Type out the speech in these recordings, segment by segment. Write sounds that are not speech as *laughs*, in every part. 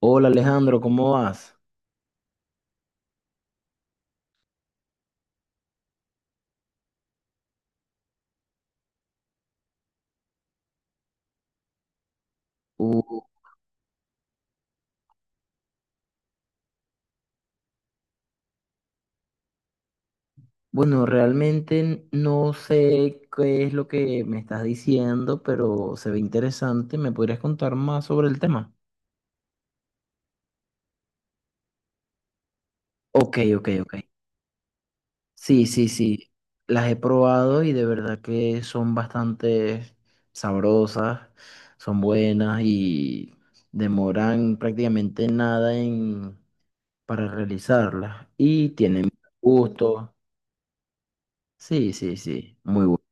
Hola Alejandro, ¿cómo vas? Uh, bueno, realmente no sé qué es lo que me estás diciendo, pero se ve interesante. ¿Me podrías contar más sobre el tema? Ok, ok, ok. Sí, sí, sí. Las he probado y de verdad que son bastante sabrosas, son buenas y demoran prácticamente nada para realizarlas. Y tienen gusto. Sí, sí, sí. Muy bueno.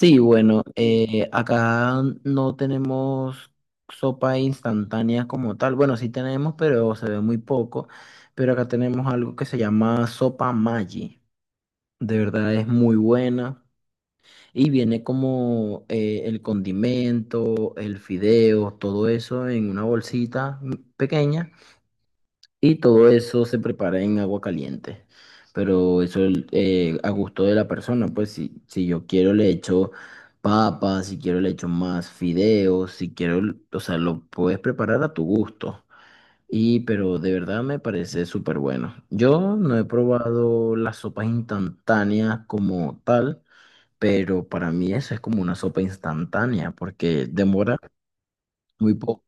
Sí, bueno, acá no tenemos sopa instantánea como tal. Bueno, sí tenemos, pero se ve muy poco. Pero acá tenemos algo que se llama sopa Maggi. De verdad es muy buena. Y viene como el condimento, el fideo, todo eso en una bolsita pequeña. Y todo eso se prepara en agua caliente. Pero eso a gusto de la persona, pues si yo quiero le echo papas, si quiero le echo más fideos, si quiero, o sea, lo puedes preparar a tu gusto. Y pero de verdad me parece súper bueno. Yo no he probado las sopas instantáneas como tal, pero para mí eso es como una sopa instantánea porque demora muy poco.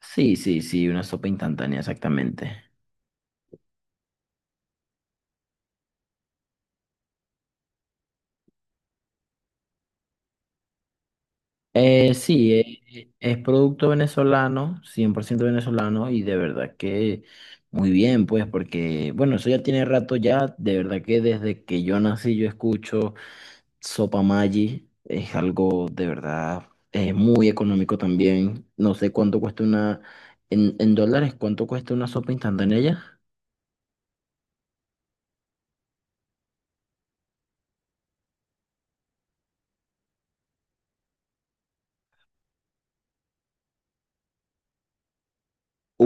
Sí, sí, sí, una sopa instantánea, exactamente. Sí, es producto venezolano, 100% venezolano, y de verdad que muy bien, pues, porque, bueno, eso ya tiene rato ya, de verdad que desde que yo nací yo escucho Sopa Maggi, es algo de verdad, es muy económico también, no sé cuánto cuesta una, en dólares, cuánto cuesta una sopa instantánea ya,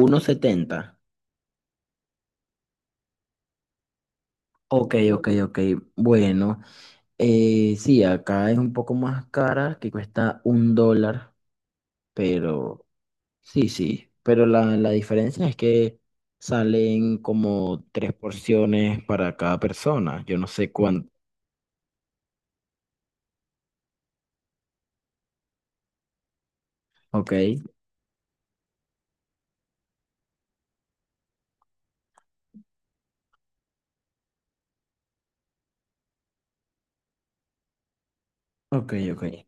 uno setenta. Ok, ok, ok, bueno, sí, acá es un poco más cara, que cuesta $1. Pero sí, sí. Pero la diferencia es que salen como tres porciones para cada persona. Yo no sé cuánto. Ok, ok, ok.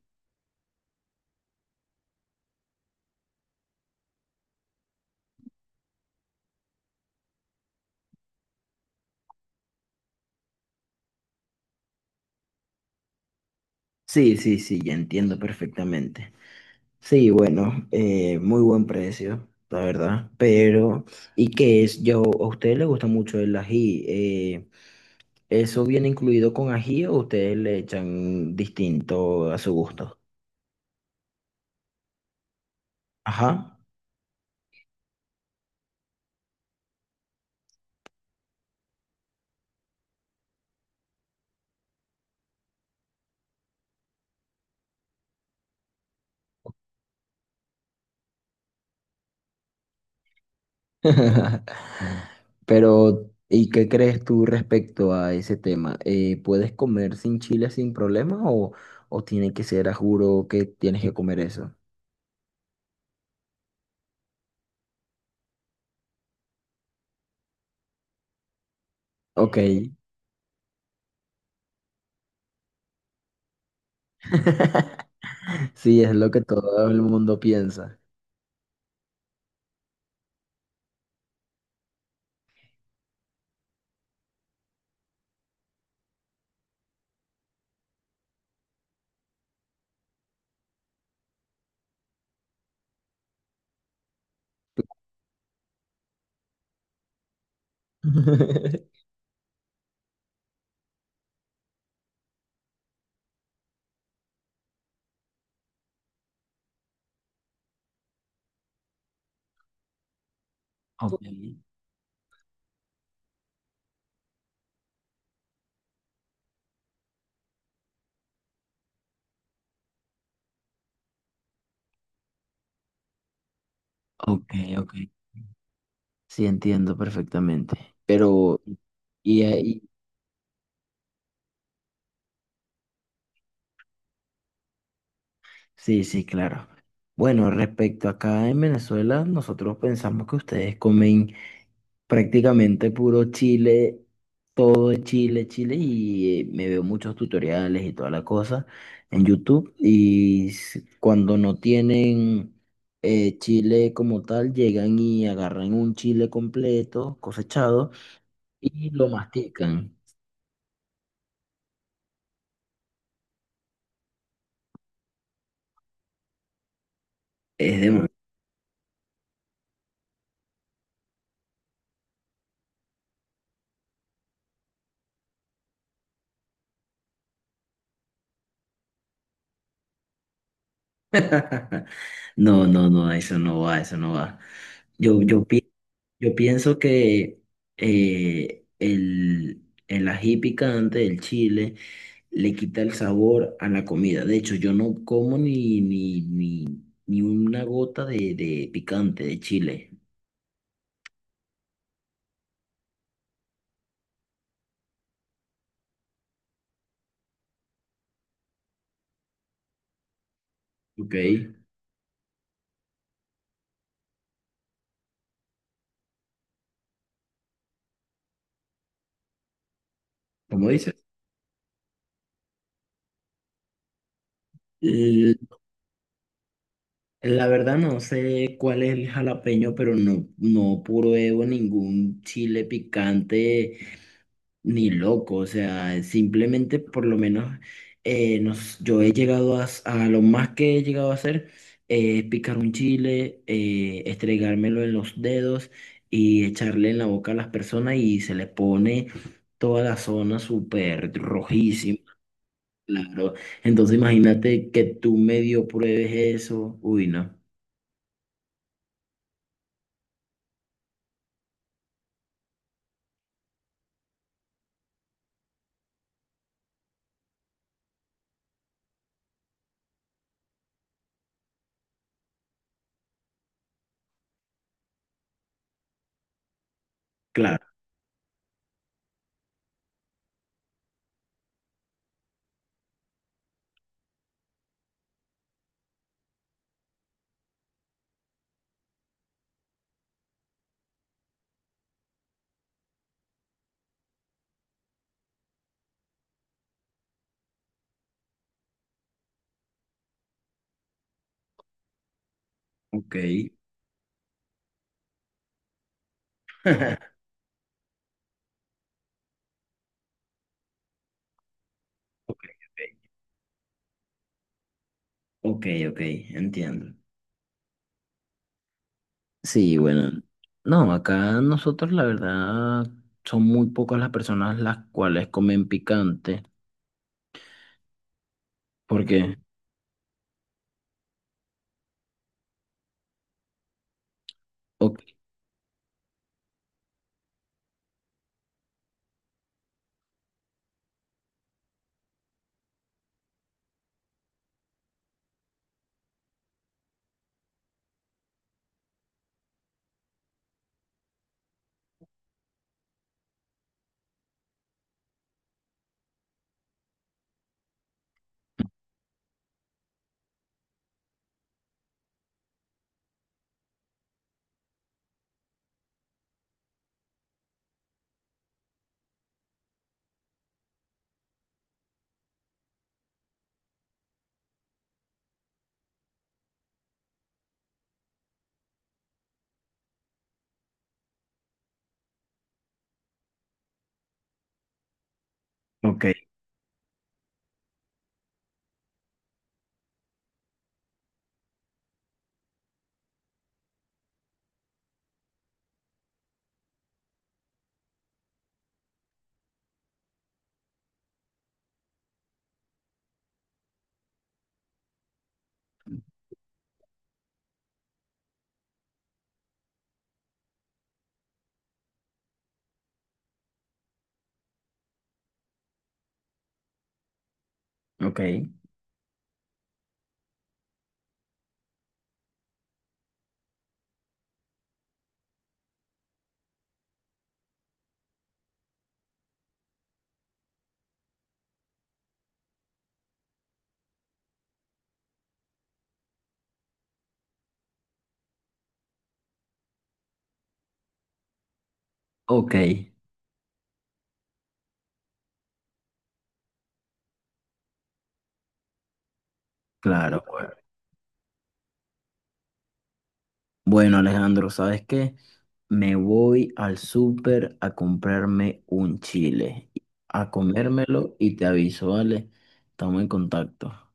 Sí, sí, sí, ya entiendo perfectamente. Sí, bueno, muy buen precio, la verdad. Pero, ¿y qué es? Yo, ¿a ustedes les gusta mucho el ají? ¿Eso viene incluido con ají o ustedes le echan distinto a su gusto? Ajá. *laughs* Pero, ¿y qué crees tú respecto a ese tema? ¿Puedes comer sin chile sin problema o tiene que ser a juro que tienes que comer eso? Ok, *laughs* sí, es lo que todo el mundo piensa. *laughs* Ok, ok, ok. Sí, entiendo perfectamente. Pero, y, ahí- sí, sí, claro. Bueno, respecto acá en Venezuela, nosotros pensamos que ustedes comen prácticamente puro chile, todo es chile, chile, y me veo muchos tutoriales y toda la cosa en YouTube. Y cuando no tienen chile como tal, llegan y agarran un chile completo, cosechado, y lo mastican. Es *laughs* No, no, no, eso no va, eso no va. Yo, yo, pi- yo pienso que el ají picante del chile le quita el sabor a la comida. De hecho, yo no como ni una gota de picante de chile. Ok, ¿cómo dices? L- La verdad no sé cuál es el jalapeño, pero no pruebo ningún chile picante. Ni loco, o sea, simplemente por lo menos yo he llegado a lo más que he llegado a hacer es picar un chile, estregármelo en los dedos y echarle en la boca a las personas y se le pone toda la zona súper rojísima, claro. Entonces imagínate que tú medio pruebes eso, uy, no, claro, ok, ok, ok, ok, ok, entiendo. Sí, bueno, no, acá nosotros la verdad son muy pocas las personas las cuales comen picante, porque, ok, ok, ok, ok, claro. Bueno, Bueno, Alejandro, ¿sabes qué? Me voy al súper a comprarme un chile, a comérmelo y te aviso, ¿vale? Estamos en contacto.